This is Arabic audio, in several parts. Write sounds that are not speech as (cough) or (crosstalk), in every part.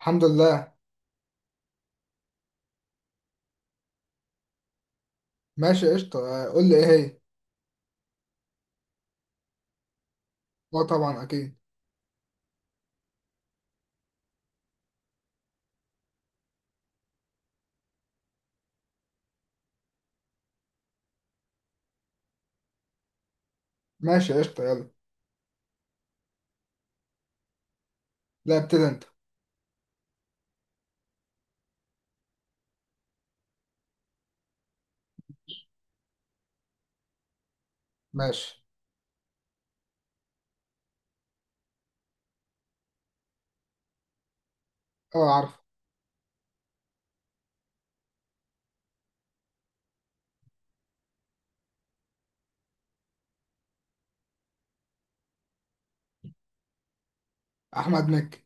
الحمد لله. ماشي قشطة، قول لي ايه هي. اه طبعا اكيد. ماشي قشطة يلا. لا ابتدي انت. ماشي. اه عارف. احمد مكي.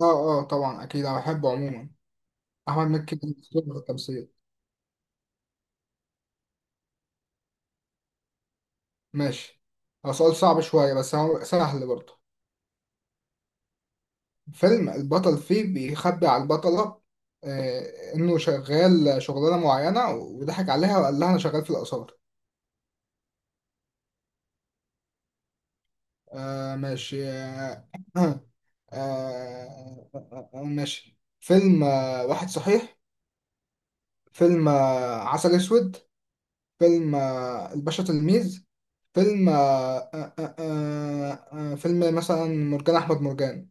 اه اه، طبعا اكيد، انا بحبه عموما. احمد مكي كان أسطورة في التمثيل. ماشي. هو سؤال صعب شوية بس هو سهل برضه. فيلم البطل فيه بيخبي على البطلة انه شغال شغلانة معينة وضحك عليها وقال لها انا شغال في الآثار. ماشي. آه آه آه آه آه، ماشي، فيلم واحد صحيح. فيلم عسل أسود. فيلم الباشا تلميذ. فيلم آه آه آه آه آه، فيلم مثلا مرجان أحمد مرجان.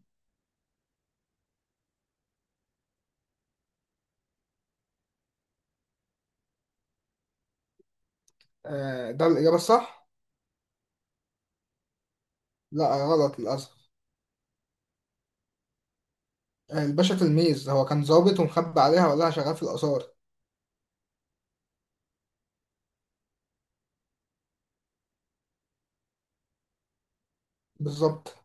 ده الإجابة الصح؟ لا غلط للأسف. الباشا تلميذ هو كان ظابط ومخبي عليها ولا شغال في الآثار. بالظبط.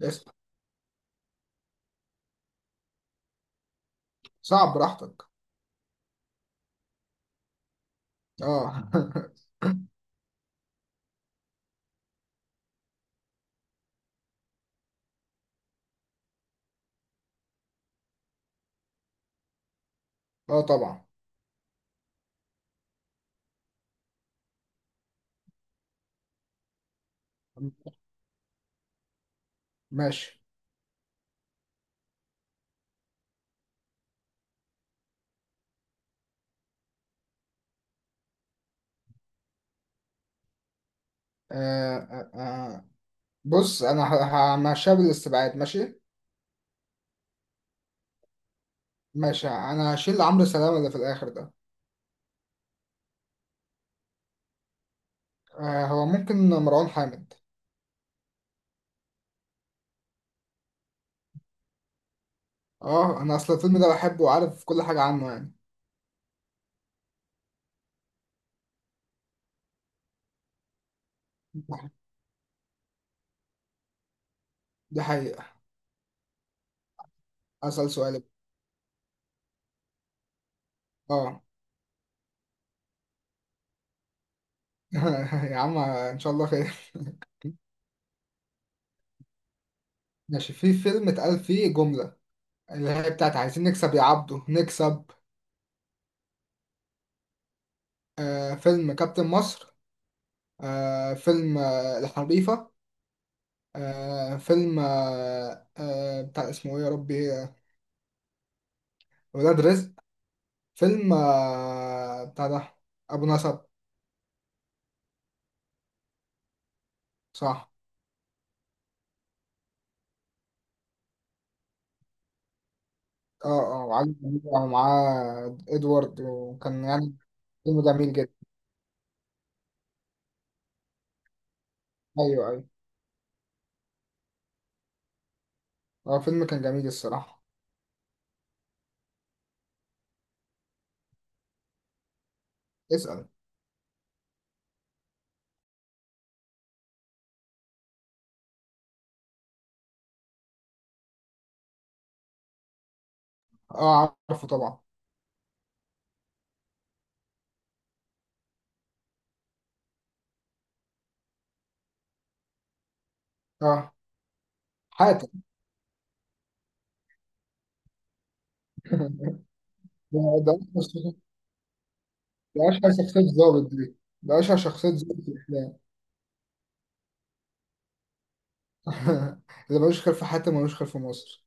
اسم. صعب براحتك. اه. (laughs) اه طبعا. ماشي. آه آه آه. بص انا همشيها بالاستبعاد. ماشي. ماشي. انا هشيل عمرو سلامة اللي في الاخر ده. هو ممكن مروان حامد. اه، انا اصل الفيلم ده بحبه وعارف كل حاجة عنه يعني. دي حقيقة. اسأل سؤال. اه. (laughs) يا عم ان شاء الله خير. ماشي، في فيلم اتقال فيه جملة اللي هي بتاعت عايزين نكسب يا عبده نكسب. فيلم كابتن مصر. فيلم الحريفة. فيلم بتاع اسمه ايه يا ربي، ولاد رزق. فيلم، بتاع ده أبو نسب. صح. اه اه، وعلي. ومعاه إدوارد وكان يعني فيلم جميل جدا. أيوه أيوه. اه فيلم كان جميل الصراحة. اسأل. اه عارفه طبعا. اه. حاتم. (laughs) ده ده ده أشهر شخصية ضابط دي، ده أشهر شخصية ضابط في الأفلام. (laughs) اللي ملوش خير في حاتم ملوش خير في مصر.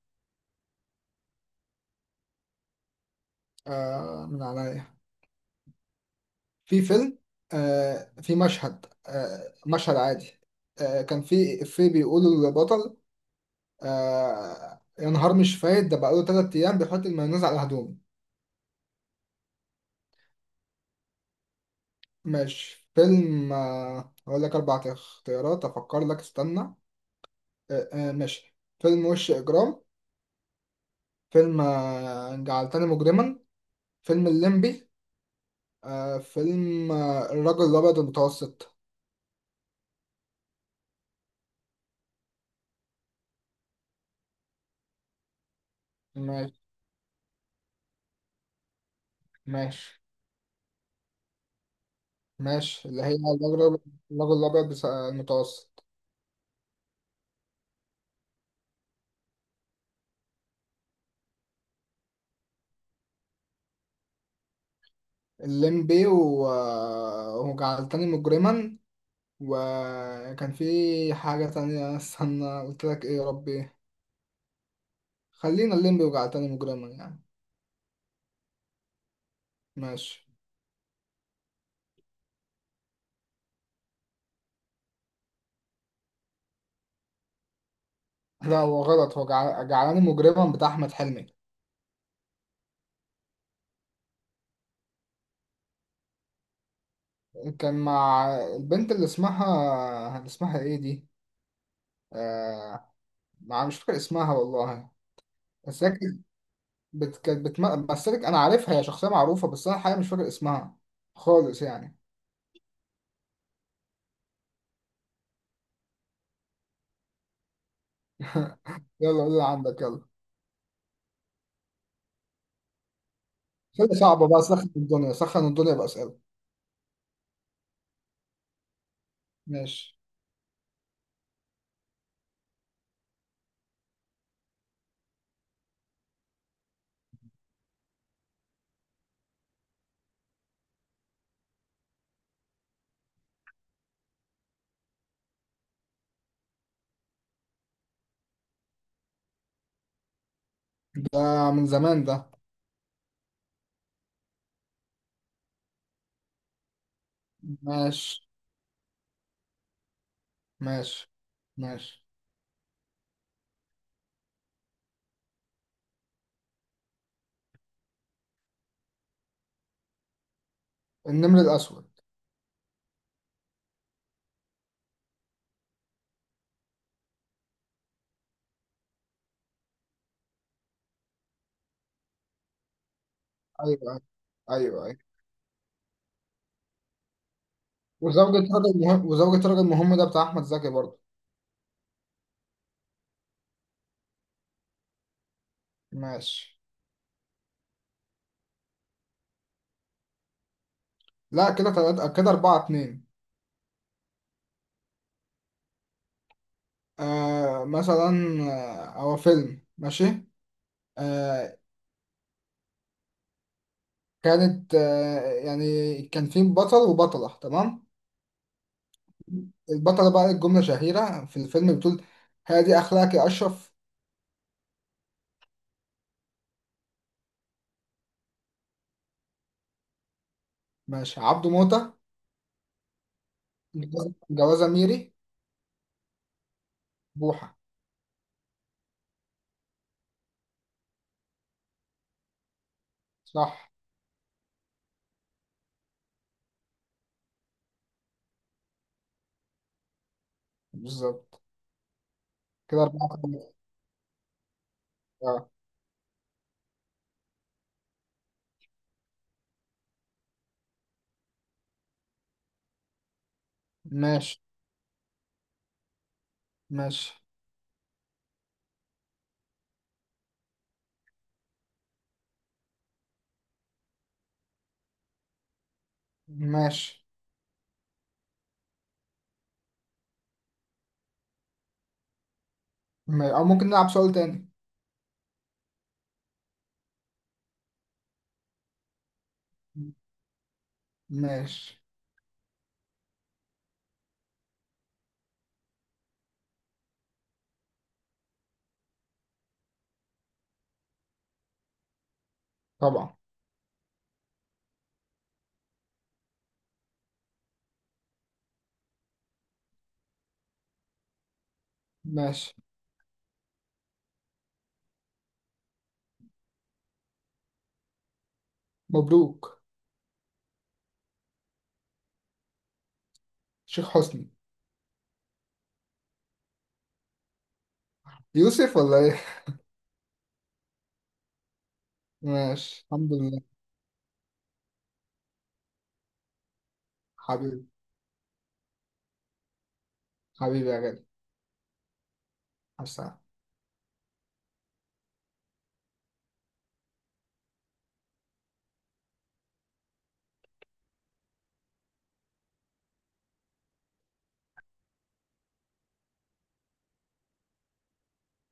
من عليا، في فيلم، في مشهد، مشهد عادي، كان في إفيه بيقوله للبطل: يا نهار مش فايت، ده بقاله تلات أيام بيحط المايونيز على هدومه. ماشي، فيلم، هقول لك أربع اختيارات أفكر لك استنى. ماشي، فيلم وش إجرام. فيلم جعلتني مجرما. فيلم الليمبي. فيلم الرجل الأبيض المتوسط. ماشي، ماشي، ماشي. اللي هي الرجل، الرجل الأبيض المتوسط. الليمبي وجعلتني مجرما. وكان في حاجة تانية استنى، قلت لك ايه يا ربي. خلينا الليمبي وجعلتني مجرما يعني. ماشي. لا هو غلط، هو جعلاني مجرما بتاع أحمد حلمي. كان مع البنت اللي اسمها ايه دي. آه... مع مش فاكر اسمها والله. بس هي كانت بت... كانت بتم... بس هي- انا عارفها، هي شخصية معروفة بس انا الحقيقة مش فاكر اسمها خالص يعني. (laughs) يلا قول اللي عندك يلا. أسئلة صعبة بقى، سخن الدنيا سخن الدنيا بأسئلة. ماشي. ده من زمان ده. ماشي، ماشي، ماشي. النمر الأسود. أيوه، أيوه، أيوه، أيوه. وزوجة راجل مهم، وزوجة راجل مهم، ده بتاع أحمد زكي برضه. ماشي. لا كده تلاتة، كده أربعة اتنين. مثلا، هو فيلم ماشي، آه كانت، يعني كان في بطل وبطلة، تمام. البطلة بقى ليك جملة شهيرة في الفيلم بتقول: هادي أخلاقك يا أشرف. ماشي، عبده موتة. جوازة ميري. بوحة. صح. بالظبط، كده أربعة. اه. ماشي، ماشي، ماشي. او ممكن نلعب سؤال تاني. ماشي. طبعا. ماشي. مبروك. شيخ حسني. يوسف ولا ايه. (laughs) ماشي، الحمد لله. حبيبي، حبيبي يا غالي. حسن.